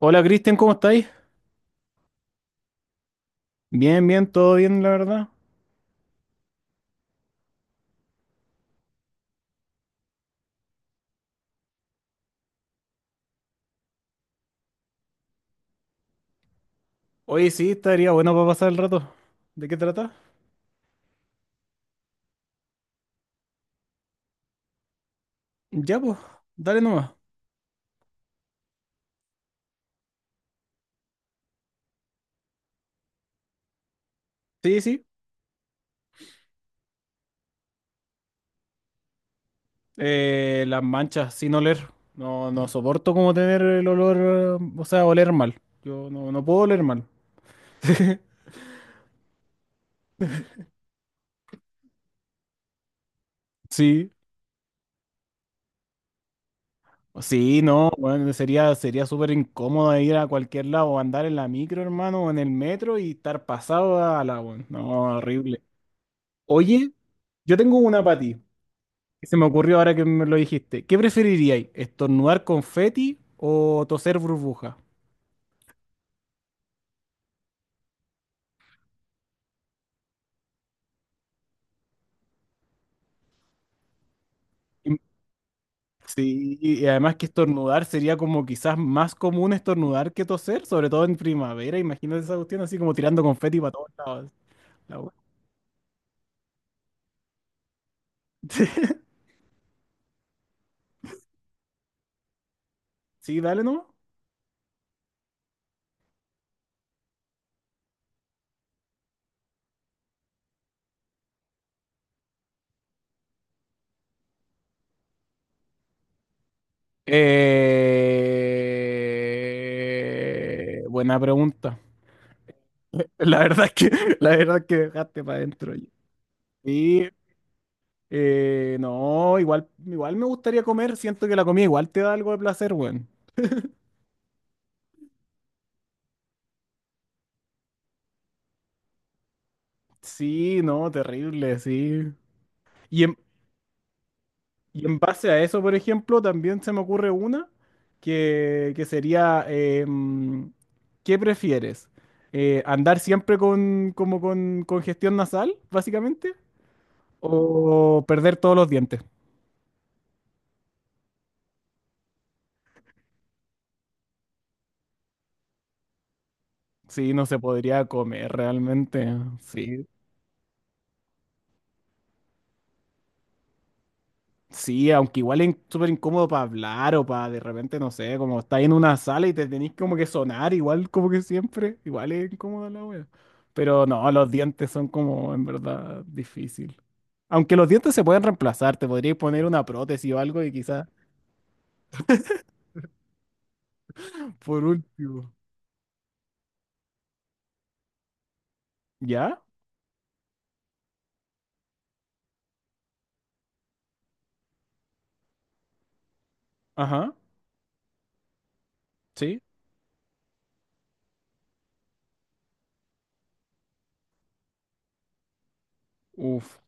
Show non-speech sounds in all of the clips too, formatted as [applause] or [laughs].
Hola Cristian, ¿cómo estáis? Bien, bien, todo bien, la verdad. Oye, sí, estaría bueno para pasar el rato. ¿De qué trata? Ya, pues, dale nomás. Sí, sí. Las manchas, sin oler. No, no soporto como tener el olor, o sea, oler mal. Yo no, no puedo oler mal. [laughs] Sí. Sí, no, bueno, sería súper incómodo ir a cualquier lado, andar en la micro, hermano, o en el metro y estar pasado a la, bueno, no, horrible. Oye, yo tengo una para ti. Se me ocurrió ahora que me lo dijiste. ¿Qué preferiríais? ¿Estornudar confeti o toser burbuja? Y- Sí, y además que estornudar sería como quizás más común estornudar que toser, sobre todo en primavera. Imagínate esa cuestión así como tirando confeti para todos lados. La wea. [laughs] Sí, dale no. Buena pregunta. [laughs] La verdad es que, la verdad es que me dejaste para adentro. No, igual me gustaría comer. Siento que la comida igual te da algo de placer, weón. Sí, no, terrible, sí. Y en, y en base a eso, por ejemplo, también se me ocurre una que sería, ¿qué prefieres? ¿Andar siempre con, como con congestión nasal, básicamente? ¿O perder todos los dientes? Sí, no se podría comer realmente. Sí. Sí, aunque igual es súper incómodo para hablar o para de repente, no sé, como estáis en una sala y te tenéis como que sonar, igual como que siempre, igual es incómoda la wea. Pero no, los dientes son como en verdad difícil. Aunque los dientes se pueden reemplazar, te podrías poner una prótesis o algo y quizás por último. ¿Ya? Ajá, sí. Uf.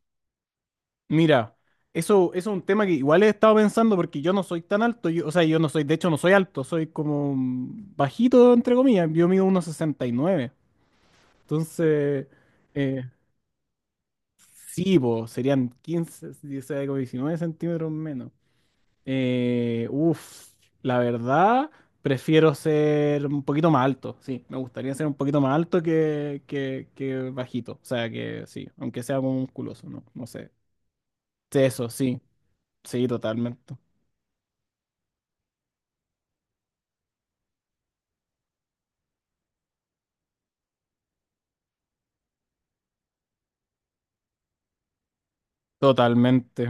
Mira, eso es un tema que igual he estado pensando porque yo no soy tan alto, o sea, yo no soy, de hecho no soy alto, soy como bajito, entre comillas, yo mido 1,69. Entonces, eh, sí, po, serían 15, 16, como 19 centímetros menos. Uf, la verdad, prefiero ser un poquito más alto. Sí, me gustaría ser un poquito más alto que, que bajito. O sea, que sí, aunque sea como musculoso, ¿no? No sé. Sí, eso, sí, sí, totalmente. Totalmente.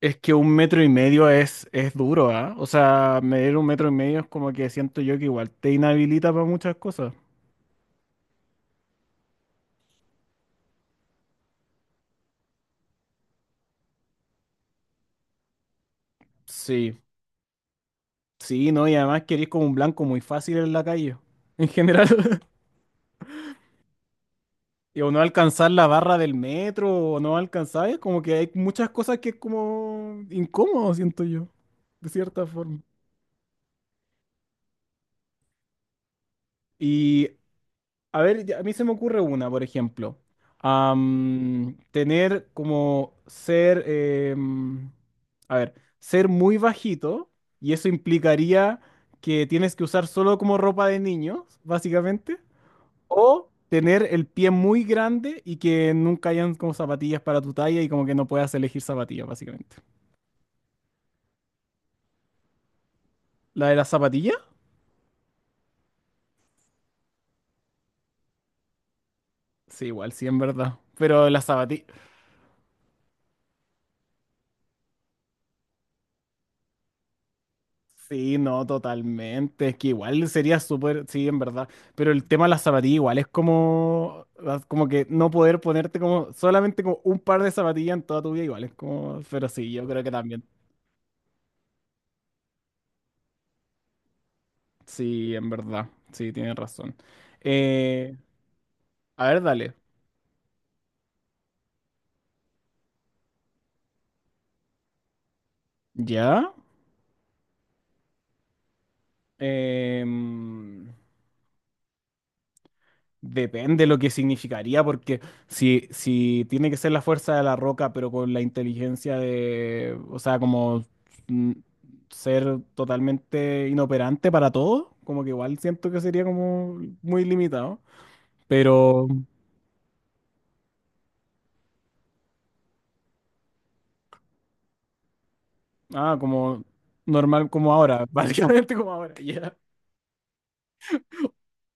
Es que un metro y medio es duro, ¿ah? O sea, medir un metro y medio es como que siento yo que igual te inhabilita para muchas cosas. Sí, sí, no, y además que eres como un blanco muy fácil en la calle, en general. [laughs] Y o no alcanzar la barra del metro, o no alcanzar, es como que hay muchas cosas que es como incómodo, siento yo, de cierta forma. Y a ver, a mí se me ocurre una, por ejemplo. Tener como ser, a ver, ser muy bajito, y eso implicaría que tienes que usar solo como ropa de niños, básicamente. O tener el pie muy grande y que nunca hayan como zapatillas para tu talla y como que no puedas elegir zapatillas, básicamente. ¿La de la zapatilla? Sí, igual, sí, en verdad. Pero la zapatilla. Sí, no, totalmente. Es que igual sería súper. Sí, en verdad. Pero el tema de la zapatilla igual es como. Como que no poder ponerte como. Solamente como un par de zapatillas en toda tu vida, igual. Es como. Pero sí, yo creo que también. Sí, en verdad. Sí, tienes razón. Eh, a ver, dale. ¿Ya? Em, Depende lo que significaría, porque si tiene que ser la fuerza de la roca, pero con la inteligencia de, o sea, como mm, ser totalmente inoperante para todo, como que igual siento que sería como muy limitado. Pero, como normal, como ahora, [laughs] básicamente como ahora, ya.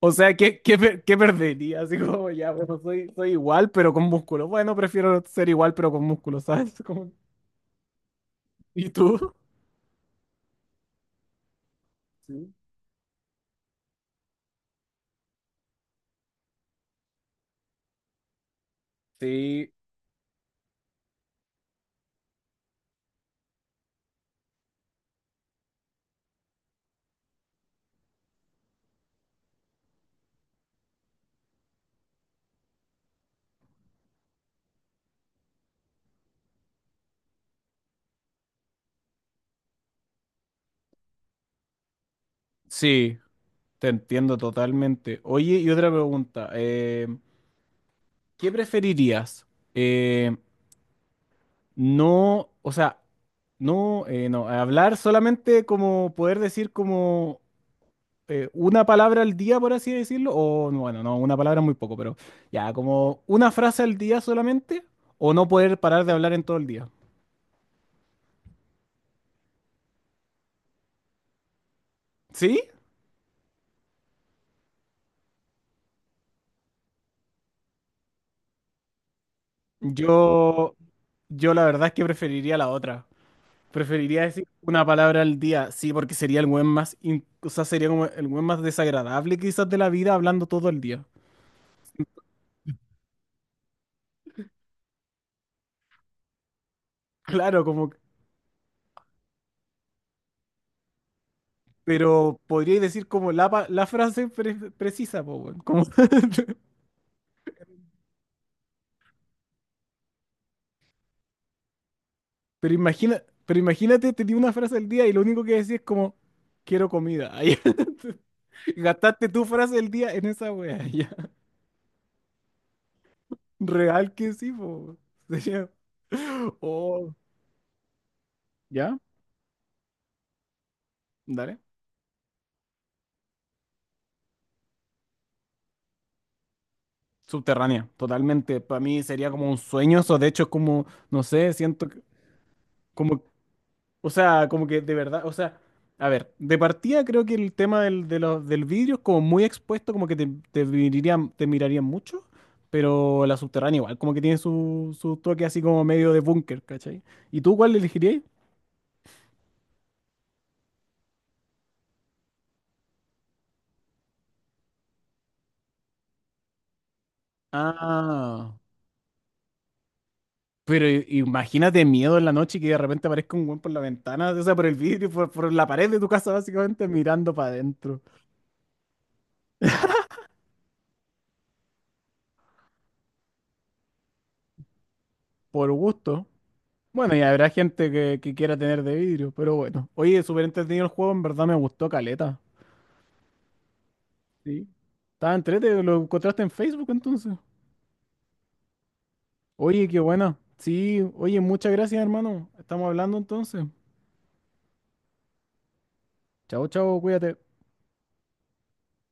O sea, ¿ qué perdería? Así como, ya, bueno, soy igual, pero con músculo. Bueno, prefiero ser igual, pero con músculo, ¿sabes? [laughs] Como, ¿y tú? Sí. Sí, sí, te entiendo totalmente. Oye, y otra pregunta, ¿qué preferirías? Eh, no, o sea, no, no, hablar solamente como poder decir como una palabra al día, por así decirlo, o no, bueno, no, una palabra es muy poco, pero ya, como una frase al día solamente, o no poder parar de hablar en todo el día. ¿Sí? Yo, yo la verdad es que preferiría la otra. Preferiría decir una palabra al día, sí, porque sería el buen más, o sea, sería como el buen más desagradable quizás de la vida hablando todo el día. [laughs] Claro, como, pero podría decir como la frase precisa, po, weón, como, [laughs] pero imagínate, te di una frase al día y lo único que decís es como, quiero comida. Ay, [laughs] gastaste tu frase del día en esa wea, ya. Real que sí, po. Weón. Sería, oh, ¿ya? Dale. Subterránea, totalmente. Para mí sería como un sueño eso. De hecho, es como, no sé, como, o sea, como que de verdad, o sea, a ver, de partida creo que el tema del vidrio es como muy expuesto, como que te mirarían mucho, pero la subterránea igual, como que tiene su toque así como medio de búnker, ¿cachai? ¿Y tú cuál elegirías? Ah, pero imagínate miedo en la noche y que de repente aparezca un weón por la ventana, o sea, por el vidrio, por la pared de tu casa, básicamente mirando para adentro. Por gusto. Bueno, y habrá gente que quiera tener de vidrio, pero bueno. Oye, súper entretenido el juego, en verdad me gustó caleta. Sí. Estaba entrete, lo encontraste en Facebook entonces. Oye, qué buena. Sí, oye, muchas gracias, hermano. Estamos hablando entonces. Chao, chao, cuídate.